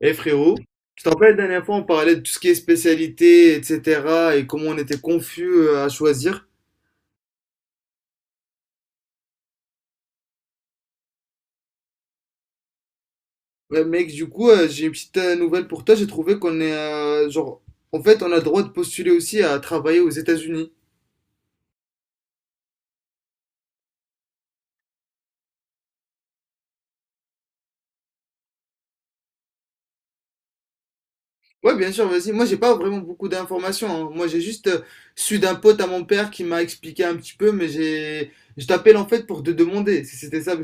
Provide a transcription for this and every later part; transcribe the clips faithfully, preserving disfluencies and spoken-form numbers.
Eh frérot, tu te rappelles la dernière fois on parlait de tout ce qui est spécialité, et cetera et comment on était confus euh, à choisir. Ouais, mec, du coup, euh, j'ai une petite euh, nouvelle pour toi. J'ai trouvé qu'on est euh, genre, en fait, on a le droit de postuler aussi à travailler aux États-Unis. Ouais, bien sûr, vas-y. Moi, j'ai pas vraiment beaucoup d'informations, hein. Moi, j'ai juste euh, su d'un pote à mon père qui m'a expliqué un petit peu, mais j'ai, je t'appelle en fait pour te demander si c'était ça.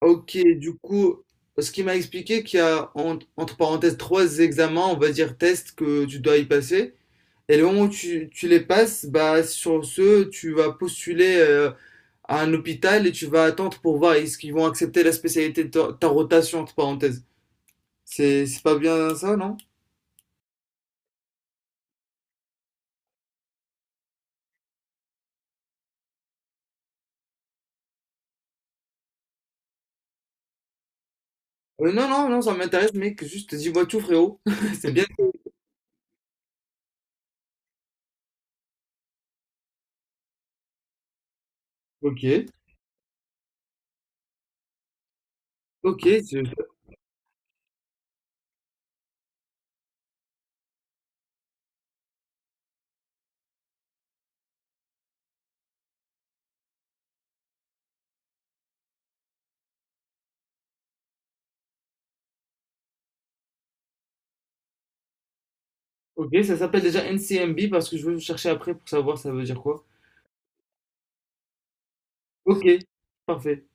Ok, du coup, ce qui m'a expliqué qu'il y a en- entre parenthèses trois examens, on va dire tests que tu dois y passer. Et le moment où tu, tu les passes, bah sur ce, tu vas postuler euh, à un hôpital et tu vas attendre pour voir est-ce qu'ils vont accepter la spécialité de ta, ta rotation entre parenthèses. C'est c'est pas bien ça, non? Euh, non, non, non, ça m'intéresse, mec. Juste dis-moi tout, frérot. C'est bien. Ok, ok, c'est- ok. Ça s'appelle déjà N C M B parce que je veux chercher après pour savoir ça veut dire quoi. Ok, parfait.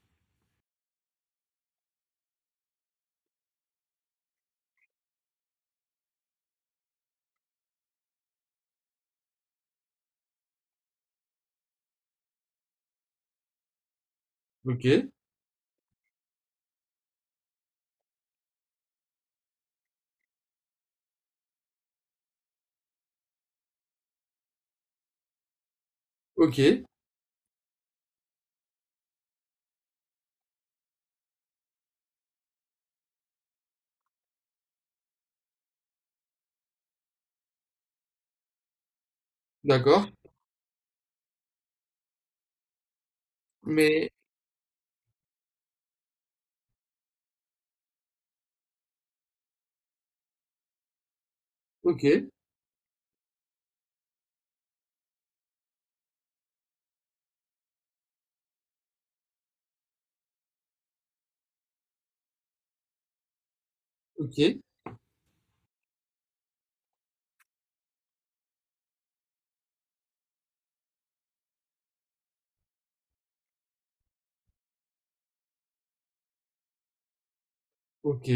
Ok. Ok, d'accord. Mais ok, ok, ok.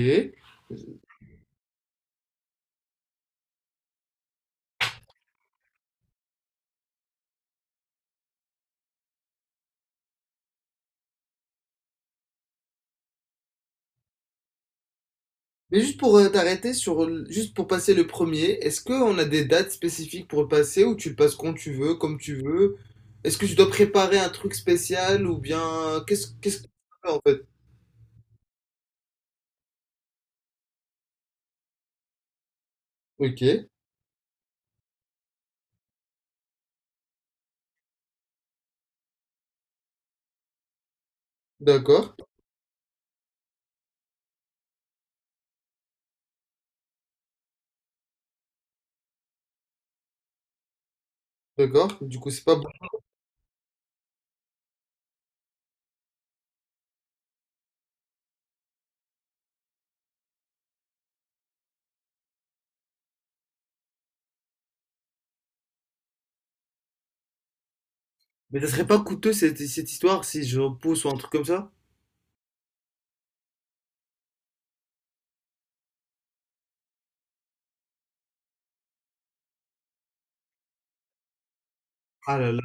Mais juste pour euh, t'arrêter sur, l- juste pour passer le premier, est-ce qu'on a des dates spécifiques pour le passer ou tu le passes quand tu veux, comme tu veux? Est-ce que tu dois préparer un truc spécial ou bien qu'est-ce qu'est-ce que tu fais en fait? Ok, d'accord, d'accord. Du coup, c'est pas bon. Mais ça serait pas coûteux cette, cette histoire si je repousse ou un truc comme ça? Ah là là.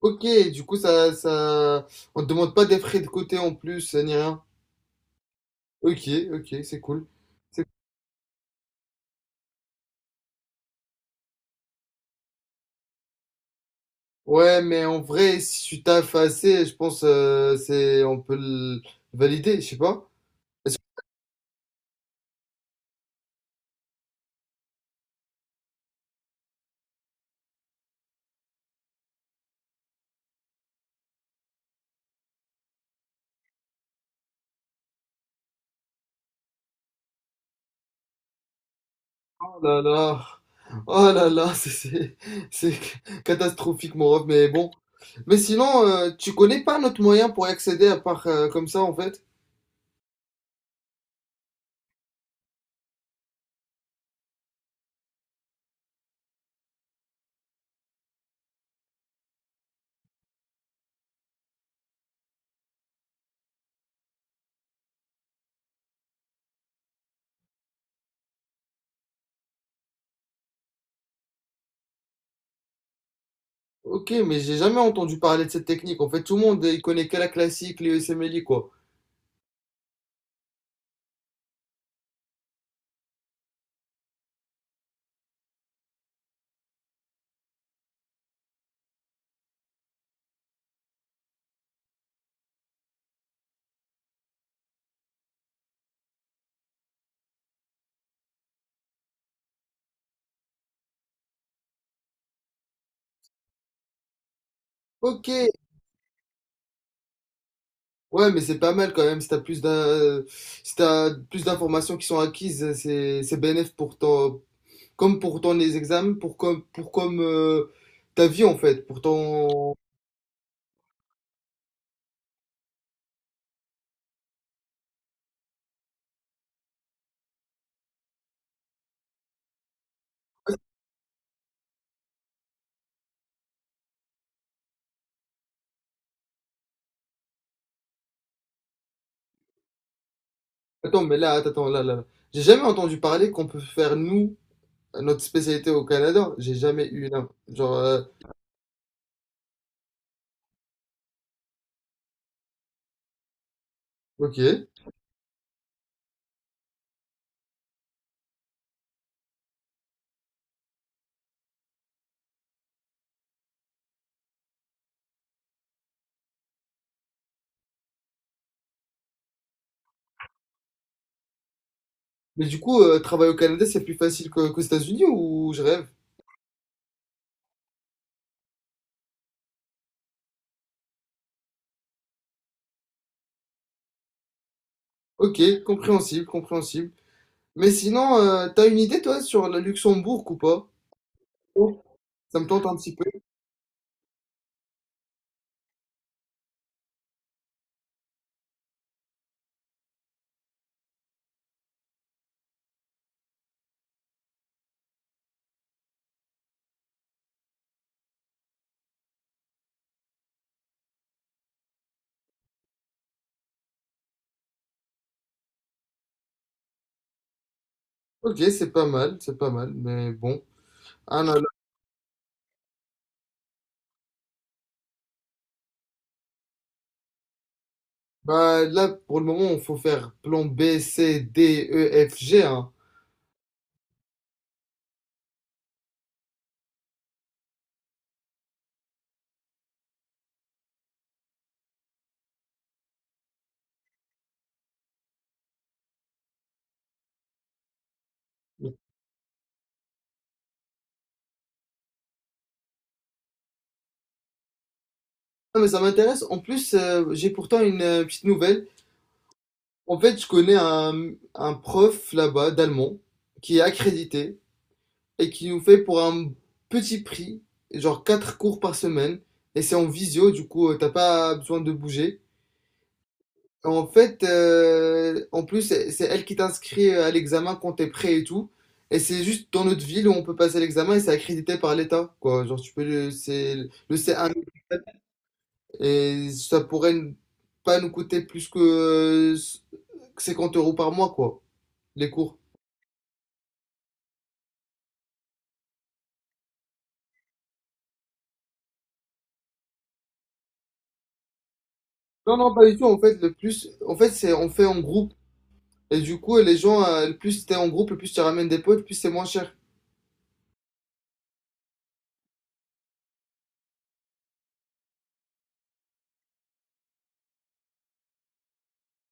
Ok, du coup, ça, ça, on te demande pas des frais de côté en plus, euh, ni rien. Ok, ok, c'est cool. C'est- Ouais, mais en vrai, si tu taffes assez, je pense euh, c'est on peut le valider, je sais pas. Parce que- Oh là là, oh là là, c'est c'est c'est catastrophique mon ref, mais bon. Mais sinon, euh, tu connais pas notre moyen pour y accéder à part euh, comme ça en fait? Ok, mais j'ai jamais entendu parler de cette technique. En fait, tout le monde il connaît que la classique, les U S M L E quoi. Ok, ouais, mais c'est pas mal quand même. Si t'as plus d'un, si t'as plus d'informations qui sont acquises, c'est c'est bénéf pour ton, comme pour ton les examens, pour comme pour comme euh, ta vie en fait, pour ton. Attends, mais là, attends, là, là. J'ai jamais entendu parler qu'on peut faire nous notre spécialité au Canada. J'ai jamais eu une. Genre, euh, ok. Mais du coup, euh, travailler au Canada, c'est plus facile que- qu'aux États-Unis ou je rêve? Ok, compréhensible, compréhensible. Mais sinon, euh, t'as une idée toi sur le Luxembourg ou pas? Oh, ça me tente un petit peu. Ok, c'est pas mal, c'est pas mal, mais bon. Ah non, là, bah, là, pour le moment, il faut faire plan B, C, D, E, F, G, hein. Non, mais ça m'intéresse. En plus, euh, j'ai pourtant une euh, petite nouvelle. En fait, je connais un, un prof là-bas d'allemand qui est accrédité et qui nous fait pour un petit prix, genre quatre cours par semaine. Et c'est en visio, du coup, euh, t'as pas besoin de bouger. En fait, euh, en plus, c'est c'est elle qui t'inscrit euh, à l'examen quand t'es prêt et tout. Et c'est juste dans notre ville où on peut passer l'examen et c'est accrédité par l'État, quoi. Genre, tu peux le, c'est le C un et ça pourrait n- pas nous coûter plus que euh, cinquante euros par mois, quoi, les cours. Non, non, pas du tout. En fait, le plus, en fait, c'est, on fait en groupe. Et du coup, les gens, euh, le plus t'es en groupe, le plus tu ramènes des potes, le plus c'est moins cher.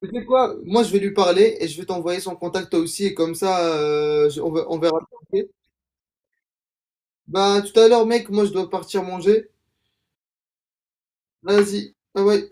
Tu sais quoi? Moi, je vais lui parler et je vais t'envoyer son contact toi aussi et comme ça, euh, je- on va- on verra. Ok. Bah, tout à l'heure, mec, moi je dois partir manger. Vas-y, ah ouais.